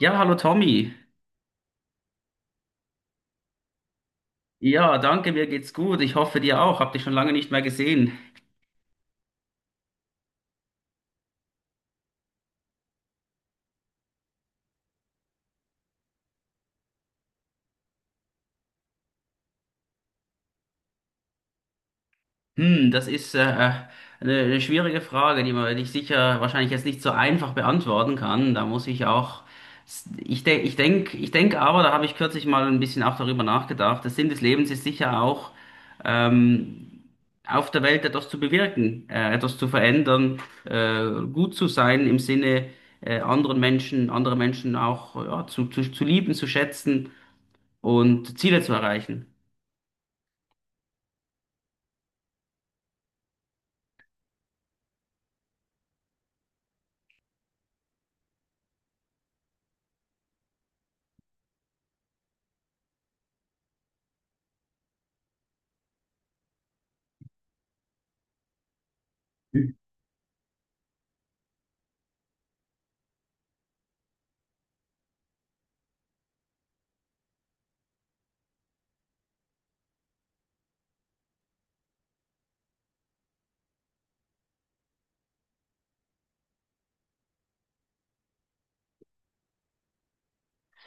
Ja, hallo Tommy. Ja, danke, mir geht's gut. Ich hoffe dir auch. Hab dich schon lange nicht mehr gesehen. Das ist eine schwierige Frage, die man dich sicher wahrscheinlich jetzt nicht so einfach beantworten kann. Da muss ich auch, ich denk aber, da habe ich kürzlich mal ein bisschen auch darüber nachgedacht. Der Sinn des Lebens ist sicher auch, ähm, auf der Welt etwas zu bewirken, etwas zu verändern, gut zu sein im Sinne, andere Menschen auch ja, zu lieben, zu schätzen und Ziele zu erreichen.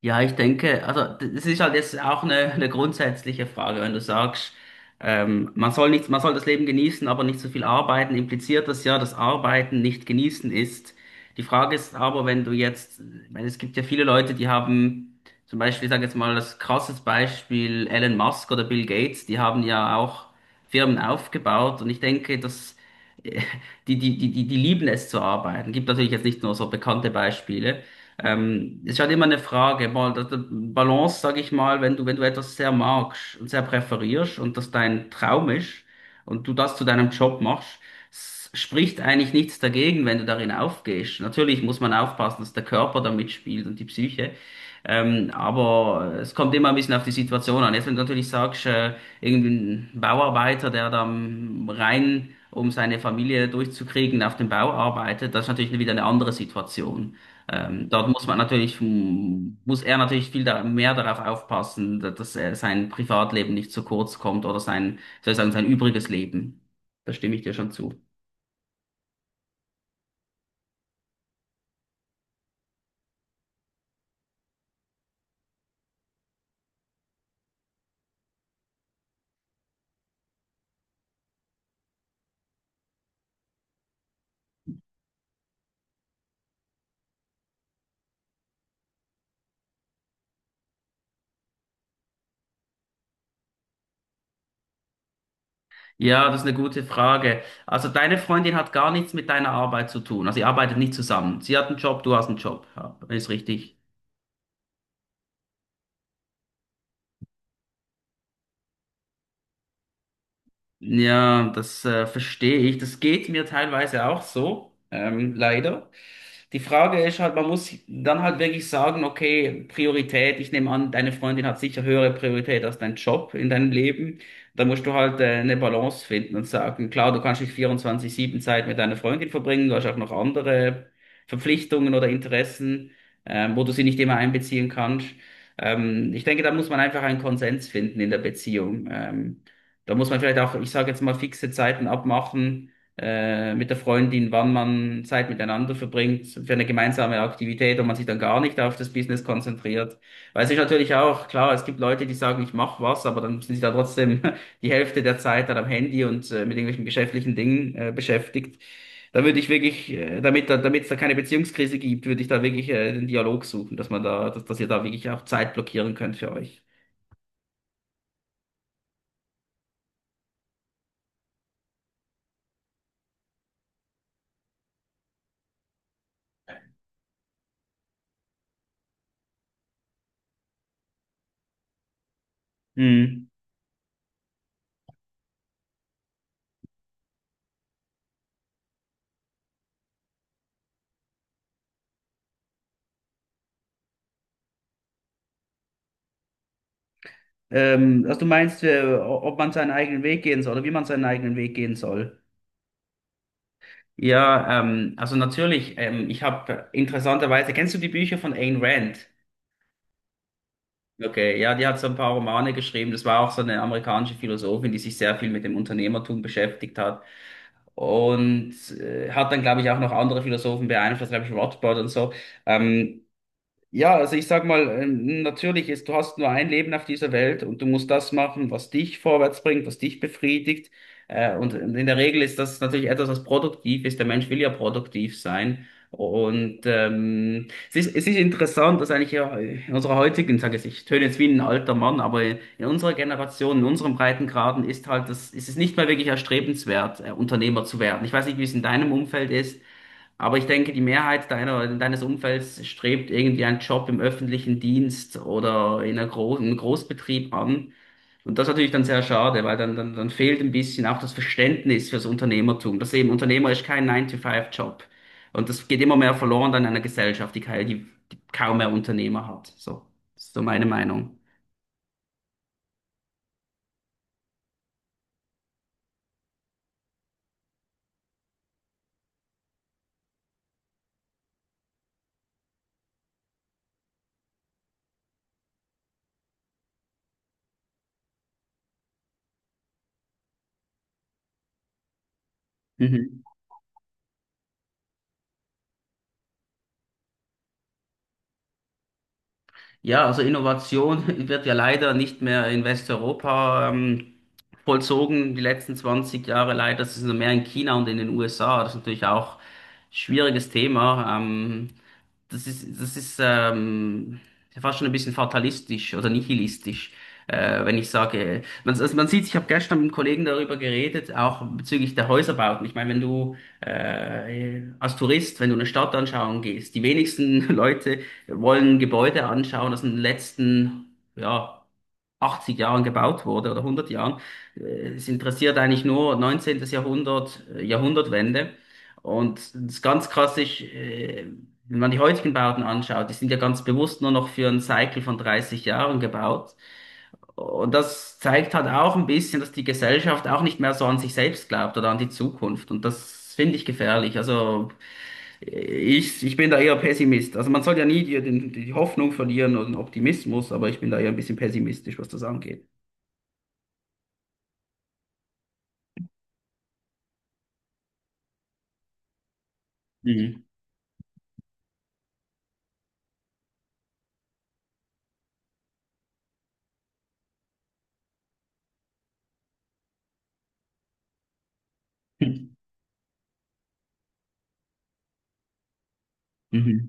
Ja, ich denke, also das ist halt jetzt auch eine grundsätzliche Frage, wenn du sagst, man soll nichts, man soll das Leben genießen, aber nicht so viel arbeiten, impliziert das ja, dass Arbeiten nicht genießen ist. Die Frage ist aber, wenn du jetzt, ich meine, es gibt ja viele Leute, die haben zum Beispiel, ich sage jetzt mal das krasses Beispiel, Elon Musk oder Bill Gates, die haben ja auch Firmen aufgebaut, und ich denke, dass äh, die lieben es zu arbeiten. Gibt natürlich jetzt nicht nur so bekannte Beispiele. Ist halt immer eine Frage, mal, das Balance, sag ich mal, wenn du etwas sehr magst und sehr präferierst und das dein Traum ist und du das zu deinem Job machst, spricht eigentlich nichts dagegen, wenn du darin aufgehst. Natürlich muss man aufpassen, dass der Körper da mitspielt und die Psyche. Aber es kommt immer ein bisschen auf die Situation an. Jetzt, wenn du natürlich sagst, irgendein Bauarbeiter, der da am rein, um seine Familie durchzukriegen, auf dem Bau arbeitet, das ist natürlich wieder eine andere Situation. Dort muss man natürlich, muss er natürlich viel da, mehr darauf aufpassen, dass er sein Privatleben nicht zu kurz kommt oder sein, soll ich sagen, sein übriges Leben. Da stimme ich dir schon zu. Ja, das ist eine gute Frage. Also deine Freundin hat gar nichts mit deiner Arbeit zu tun. Also ihr arbeitet nicht zusammen. Sie hat einen Job, du hast einen Job. Ja, ist richtig. Ja, das verstehe ich. Das geht mir teilweise auch so, leider. Die Frage ist halt, man muss dann halt wirklich sagen, okay, Priorität, ich nehme an, deine Freundin hat sicher höhere Priorität als dein Job in deinem Leben. Da musst du halt eine Balance finden und sagen, klar, du kannst nicht 24/7 Zeit mit deiner Freundin verbringen, du hast auch noch andere Verpflichtungen oder Interessen, wo du sie nicht immer einbeziehen kannst. Ich denke, da muss man einfach einen Konsens finden in der Beziehung. Da muss man vielleicht auch, ich sage jetzt mal, fixe Zeiten abmachen mit der Freundin, wann man Zeit miteinander verbringt für eine gemeinsame Aktivität und man sich dann gar nicht auf das Business konzentriert. Weil es ist natürlich auch klar, es gibt Leute, die sagen, ich mache was, aber dann sind sie da trotzdem die Hälfte der Zeit dann am Handy und mit irgendwelchen geschäftlichen Dingen beschäftigt. Da würde ich wirklich, damit da, damit es da keine Beziehungskrise gibt, würde ich da wirklich den Dialog suchen, dass man da, dass ihr da wirklich auch Zeit blockieren könnt für euch. Hm. Also du meinst, ob man seinen eigenen Weg gehen soll oder wie man seinen eigenen Weg gehen soll? Ja, also natürlich, ich habe interessanterweise, kennst du die Bücher von Ayn Rand? Okay, ja, die hat so ein paar Romane geschrieben. Das war auch so eine amerikanische Philosophin, die sich sehr viel mit dem Unternehmertum beschäftigt hat. Und hat dann, glaube ich, auch noch andere Philosophen beeinflusst, glaube ich, Rothbard und so. Ähm, Ja, also ich sag mal, natürlich ist, du hast nur ein Leben auf dieser Welt und du musst das machen, was dich vorwärts bringt, was dich befriedigt. Und in der Regel ist das natürlich etwas, was produktiv ist. Der Mensch will ja produktiv sein. Und es ist interessant, dass eigentlich ja in unserer heutigen, sage ich, ich töne jetzt wie ein alter Mann, aber in unserer Generation, in unserem Breitengraden ist halt das, ist es nicht mehr wirklich erstrebenswert, Unternehmer zu werden. Ich weiß nicht, wie es in deinem Umfeld ist. Aber ich denke, die Mehrheit deiner, deines Umfelds strebt irgendwie einen Job im öffentlichen Dienst oder in einer Gro einem Großbetrieb an. Und das ist natürlich dann sehr schade, weil dann fehlt ein bisschen auch das Verständnis fürs Unternehmertum. Das eben, Unternehmer ist kein Nine to Five job. Und das geht immer mehr verloren dann in einer Gesellschaft, die kaum mehr Unternehmer hat. So, das ist so meine Meinung. Mhm. Ja, also Innovation wird ja leider nicht mehr in Westeuropa vollzogen, die letzten 20 Jahre leider. Das ist nur mehr in China und in den USA. Das ist natürlich auch ein schwieriges Thema. Das ist ja fast schon ein bisschen fatalistisch oder nihilistisch, wenn ich sage, man, also man sieht, ich habe gestern mit einem Kollegen darüber geredet, auch bezüglich der Häuserbauten. Ich meine, wenn du als Tourist, wenn du eine Stadt anschauen gehst, die wenigsten Leute wir wollen Gebäude anschauen, das in den letzten, ja, 80 Jahren gebaut wurde oder 100 Jahren. Äh, Es interessiert eigentlich nur 19. Jahrhundert, Jahrhundertwende. Und das ist ganz klassisch, wenn man die heutigen Bauten anschaut, die sind ja ganz bewusst nur noch für einen Cycle von 30 Jahren gebaut. Und das zeigt halt auch ein bisschen, dass die Gesellschaft auch nicht mehr so an sich selbst glaubt oder an die Zukunft. Und das finde ich gefährlich. Also ich bin da eher Pessimist. Also man soll ja nie die Hoffnung verlieren und den Optimismus, aber ich bin da eher ein bisschen pessimistisch, was das angeht. Mhm. Mhm.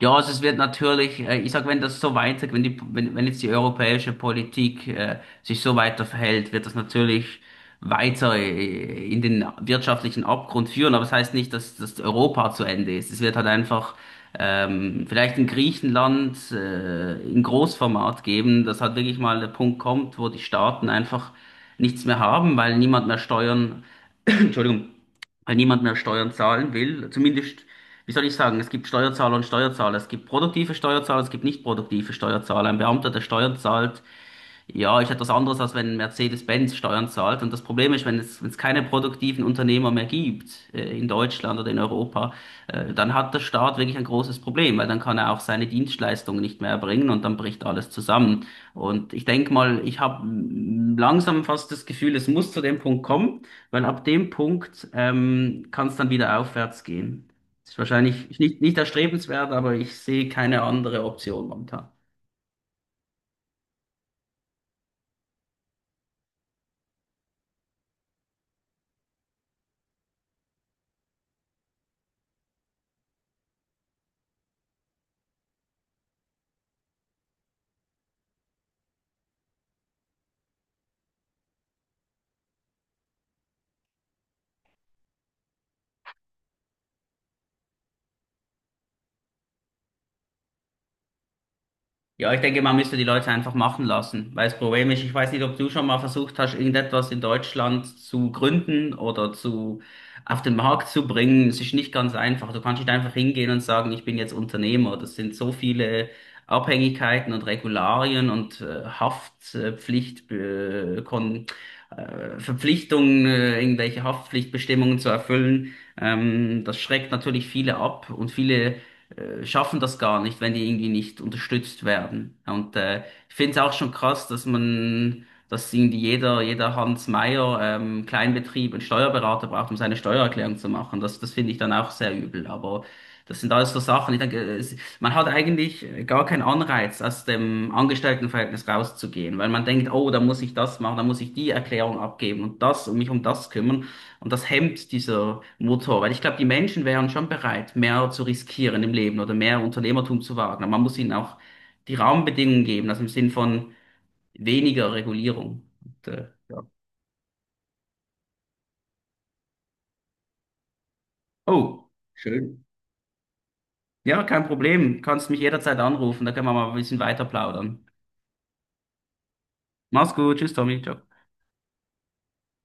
Ja, also es wird natürlich, ich sag, wenn das so weiter, wenn jetzt die europäische Politik sich so weiter verhält, wird das natürlich weiter in den wirtschaftlichen Abgrund führen. Aber es das heißt nicht, dass Europa zu Ende ist. Es wird halt einfach vielleicht in Griechenland in Großformat geben, dass halt wirklich mal der Punkt kommt, wo die Staaten einfach nichts mehr haben, weil niemand mehr Steuern Entschuldigung, weil niemand mehr Steuern zahlen will. Zumindest, wie soll ich sagen, es gibt Steuerzahler und Steuerzahler. Es gibt produktive Steuerzahler, es gibt nicht produktive Steuerzahler. Ein Beamter, der Steuern zahlt, ja, ist etwas anderes, als wenn Mercedes-Benz Steuern zahlt. Und das Problem ist, wenn es keine produktiven Unternehmer mehr gibt, in Deutschland oder in Europa, dann hat der Staat wirklich ein großes Problem, weil dann kann er auch seine Dienstleistungen nicht mehr erbringen und dann bricht alles zusammen. Und ich denke mal, ich habe langsam fast das Gefühl, es muss zu dem Punkt kommen, weil ab dem Punkt, kann es dann wieder aufwärts gehen. Ist wahrscheinlich nicht, nicht erstrebenswert, aber ich sehe keine andere Option momentan. Ja, ich denke, man müsste die Leute einfach machen lassen, weil das Problem ist, ich weiß nicht, ob du schon mal versucht hast, irgendetwas in Deutschland zu gründen oder zu, auf den Markt zu bringen. Es ist nicht ganz einfach. Du kannst nicht einfach hingehen und sagen, ich bin jetzt Unternehmer. Das sind so viele Abhängigkeiten und Regularien und Haftpflicht, Kon Verpflichtungen, irgendwelche Haftpflichtbestimmungen zu erfüllen. Das schreckt natürlich viele ab, und viele schaffen das gar nicht, wenn die irgendwie nicht unterstützt werden. Ja, und ich finde es auch schon krass, dass man, dass irgendwie jeder Hans Meier, Kleinbetrieb einen Steuerberater braucht, um seine Steuererklärung zu machen. Das finde ich dann auch sehr übel. Aber das sind alles so Sachen. Ich denke, es, man hat eigentlich gar keinen Anreiz, aus dem Angestelltenverhältnis rauszugehen, weil man denkt, oh, da muss ich das machen, da muss ich die Erklärung abgeben und das und mich um das kümmern. Und das hemmt dieser Motor, weil ich glaube, die Menschen wären schon bereit, mehr zu riskieren im Leben oder mehr Unternehmertum zu wagen. Aber man muss ihnen auch die Rahmenbedingungen geben, also im Sinn von weniger Regulierung. Und, ja. Oh, schön. Ja, kein Problem. Kannst mich jederzeit anrufen, da können wir mal ein bisschen weiter plaudern. Mach's gut, tschüss, Tommy. Ciao.